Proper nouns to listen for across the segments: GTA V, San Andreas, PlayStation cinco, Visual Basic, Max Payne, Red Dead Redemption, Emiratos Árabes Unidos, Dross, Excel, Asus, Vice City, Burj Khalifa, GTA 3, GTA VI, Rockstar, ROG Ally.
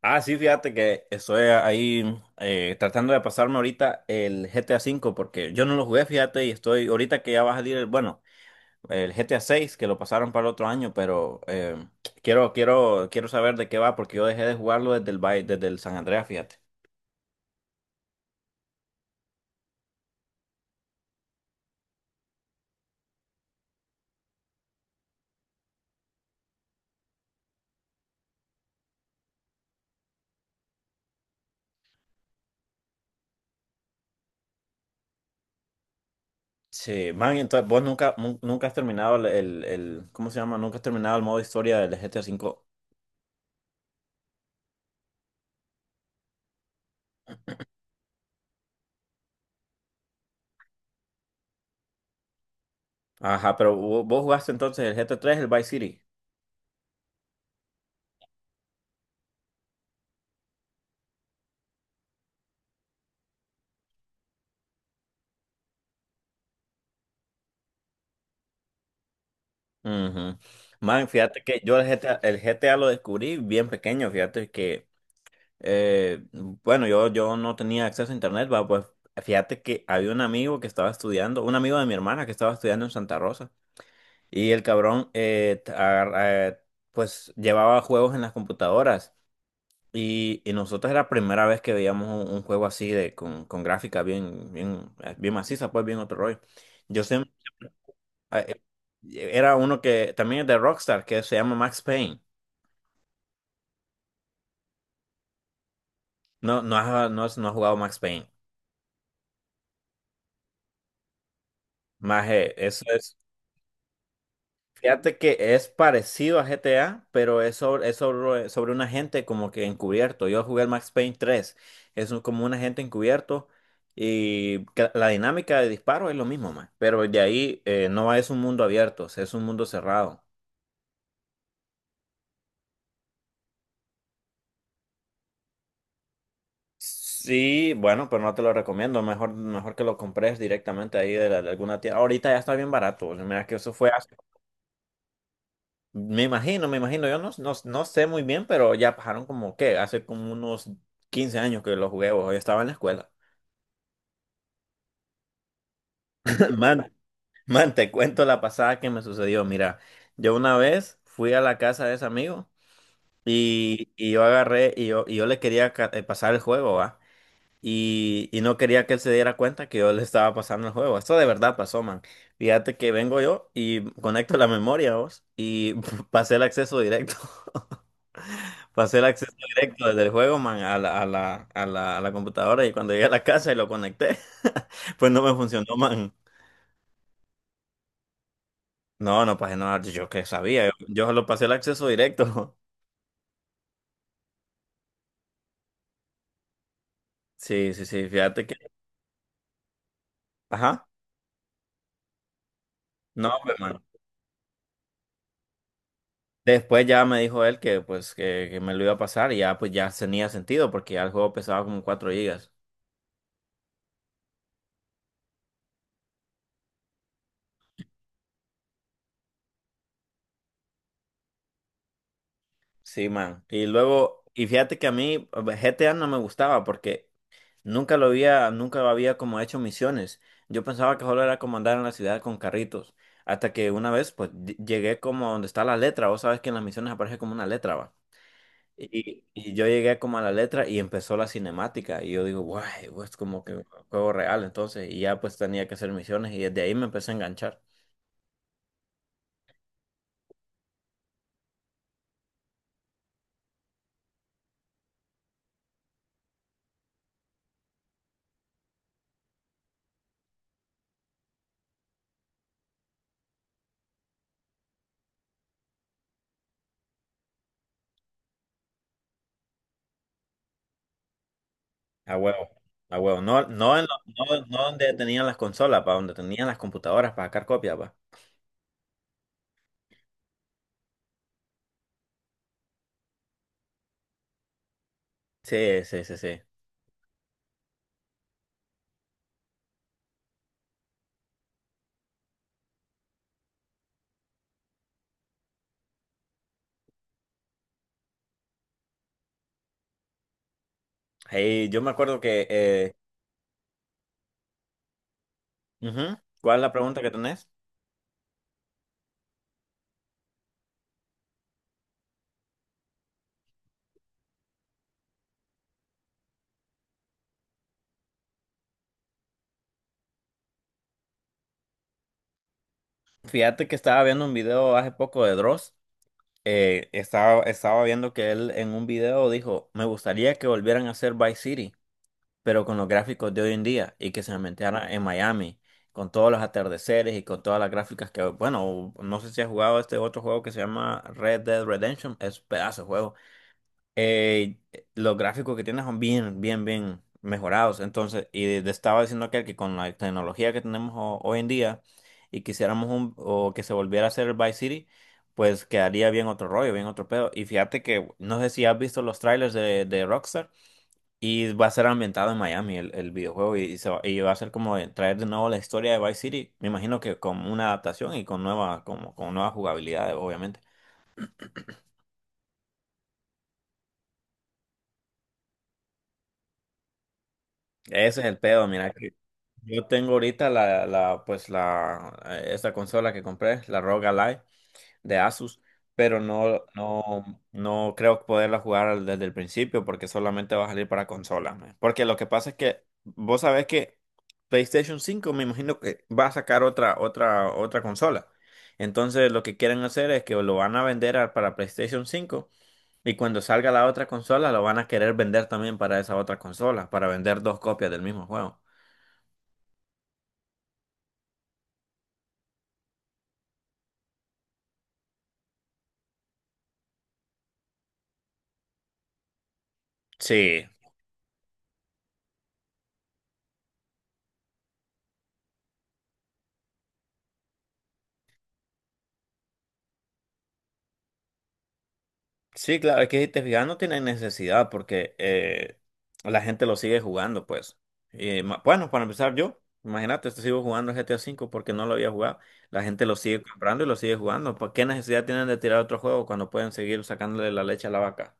Ah, sí, fíjate que estoy ahí tratando de pasarme ahorita el GTA 5 porque yo no lo jugué, fíjate, y estoy ahorita que ya va a salir el, bueno, el GTA 6 que lo pasaron para el otro año, pero quiero saber de qué va porque yo dejé de jugarlo desde desde el San Andreas, fíjate. Sí, man, entonces vos nunca has terminado ¿cómo se llama? Nunca has terminado el modo historia del GTA 5. Ajá, pero vos jugaste entonces el GTA 3, el Vice City. Ujú. Man, fíjate que yo el GTA lo descubrí bien pequeño, eh, bueno, yo no tenía acceso a internet, va, pues fíjate que había un amigo que estaba estudiando, un amigo de mi hermana que estaba estudiando en Santa Rosa, y el cabrón, pues llevaba juegos en las computadoras, y nosotros era la primera vez que veíamos un juego así, con gráfica bien maciza, pues bien otro rollo. Yo, Ah, eh, Era uno que también es de Rockstar, que se llama Max Payne. No, no has jugado Max Payne. Eso es. Fíjate que es parecido a GTA, pero sobre un agente como que encubierto. Yo jugué el Max Payne tres. Es como un agente encubierto. Y la dinámica de disparo es lo mismo, más. Pero de ahí no es un mundo abierto, es un mundo cerrado. Sí, bueno, pero no te lo recomiendo. Mejor que lo compres directamente ahí de alguna tienda. Ahorita ya está bien barato. O sea, mira que eso fue hace... me imagino. Yo no sé muy bien, pero ya pasaron como, ¿qué? Hace como unos 15 años que lo jugué. O Yo estaba en la escuela. Man, man, te cuento la pasada que me sucedió. Mira, yo una vez fui a la casa de ese amigo y yo agarré y y yo le quería pasar el juego, ¿va? Y no quería que él se diera cuenta que yo le estaba pasando el juego. Esto de verdad pasó, man. Fíjate que vengo yo y conecto la memoria, vos, y pasé el acceso directo. Pasé el acceso directo desde el juego, man, a a la computadora y cuando llegué a la casa y lo conecté, pues no me funcionó, man. No, no pasé nada, yo qué sabía, yo solo pasé el acceso directo. Sí, fíjate que... Ajá, no, pues, man. Después ya me dijo él que pues que me lo iba a pasar y ya pues ya tenía sentido porque ya el juego pesaba como 4 gigas. Sí, man. Y luego, y fíjate que a mí GTA no me gustaba porque nunca había como hecho misiones. Yo pensaba que solo era como andar en la ciudad con carritos. Hasta que una vez pues llegué como donde está la letra. Vos sabes que en las misiones aparece como una letra, va. Y yo llegué como a la letra y empezó la cinemática. Y yo digo, guay, es como que juego real. Entonces, y ya pues tenía que hacer misiones. Y desde ahí me empecé a enganchar. A huevo, a huevo. No, no, donde tenían las consolas, para donde tenían las computadoras para sacar copias, pa. Sí, sí, sí, sí. Hey, yo me acuerdo que. ¿Cuál es la pregunta que tenés? Fíjate que estaba viendo un video hace poco de Dross. Estaba viendo que él en un video dijo: me gustaría que volvieran a hacer Vice City, pero con los gráficos de hoy en día y que se ambientara en Miami, con todos los atardeceres y con todas las gráficas que, bueno, no sé si has jugado este otro juego que se llama Red Dead Redemption, es un pedazo de juego. Eh, los gráficos que tiene son bien mejorados. Entonces, y te estaba diciendo aquel que con la tecnología que tenemos hoy en día y quisiéramos un, o que se volviera a hacer el Vice City. Pues quedaría bien otro rollo, bien otro pedo. Y fíjate que no sé si has visto los trailers de Rockstar. Y va a ser ambientado en Miami el videojuego y, y va a ser como de traer de nuevo la historia de Vice City. Me imagino que con una adaptación y con nueva, como, con nuevas jugabilidades, obviamente. Ese es el pedo, mira que yo tengo ahorita la, la pues la esta consola que compré, la ROG Ally de Asus, pero no creo poderla jugar desde el principio porque solamente va a salir para consolas, man. Porque lo que pasa es que vos sabés que PlayStation 5, me imagino que va a sacar otra consola. Entonces lo que quieren hacer es que lo van a vender para PlayStation 5 y cuando salga la otra consola lo van a querer vender también para esa otra consola, para vender dos copias del mismo juego. Sí, sí, claro, es que si te fijas, no tienen necesidad porque la gente lo sigue jugando, pues. Y, bueno, para empezar, yo, imagínate, esto sigo jugando el GTA 5 porque no lo había jugado. La gente lo sigue comprando y lo sigue jugando. ¿Por qué necesidad tienen de tirar otro juego cuando pueden seguir sacándole la leche a la vaca?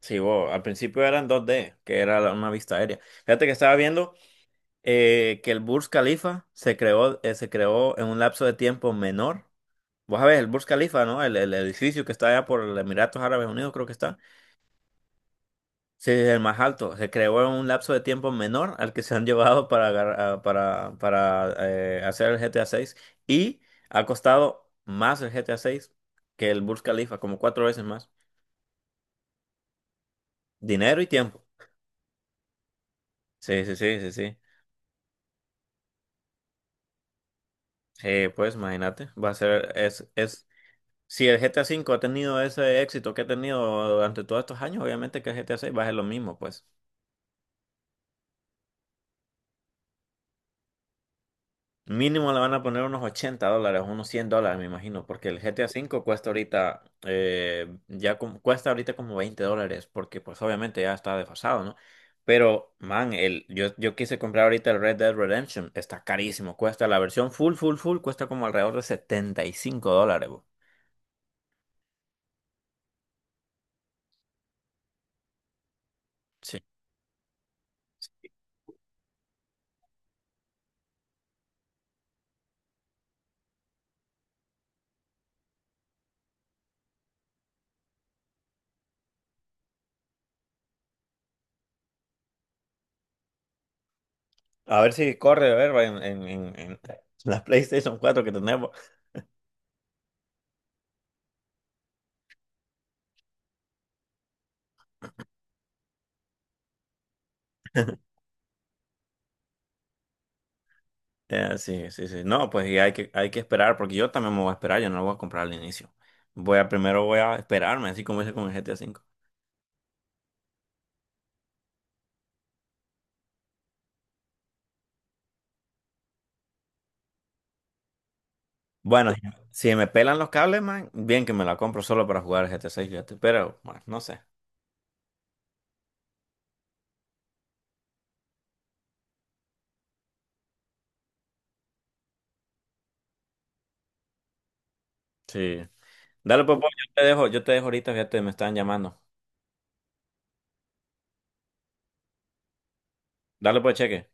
Sí, vos, al principio eran 2D, que era una vista aérea. Fíjate que estaba viendo que el Burj Khalifa se creó en un lapso de tiempo menor. Vos sabés, el Burj Khalifa, ¿no? El edificio que está allá por los Emiratos Árabes Unidos, creo que está. Sí, es el más alto. Se creó en un lapso de tiempo menor al que se han llevado para, agar- a- para hacer el GTA 6 y ha costado más el GTA 6 que el Burj Khalifa, como 4 veces más. Dinero y tiempo. Sí, sí, sí, sí, sí. Sí, pues imagínate, va a es, si el GTA 5 ha tenido ese éxito que ha tenido durante todos estos años, obviamente que el GTA 6 va a ser lo mismo, pues. Mínimo le van a poner unos $80, unos $100, me imagino, porque el GTA V cuesta ahorita, cuesta ahorita como $20, porque pues obviamente ya está desfasado, ¿no? Pero, man, yo quise comprar ahorita el Red Dead Redemption, está carísimo, cuesta la versión full, cuesta como alrededor de $75, bo. Sí. A ver si corre, a ver, en la PlayStation 4 que tenemos. Sí. No, pues y hay hay que esperar, porque yo también me voy a esperar, yo no lo voy a comprar al inicio. Primero voy a esperarme, así como hice con el GTA 5. Bueno, si me pelan los cables, man, bien que me la compro solo para jugar el GTA 6, fíjate, pero, bueno, no sé. Sí. Dale pues, pues, yo te dejo ahorita, fíjate, me están llamando. Dale pues, cheque.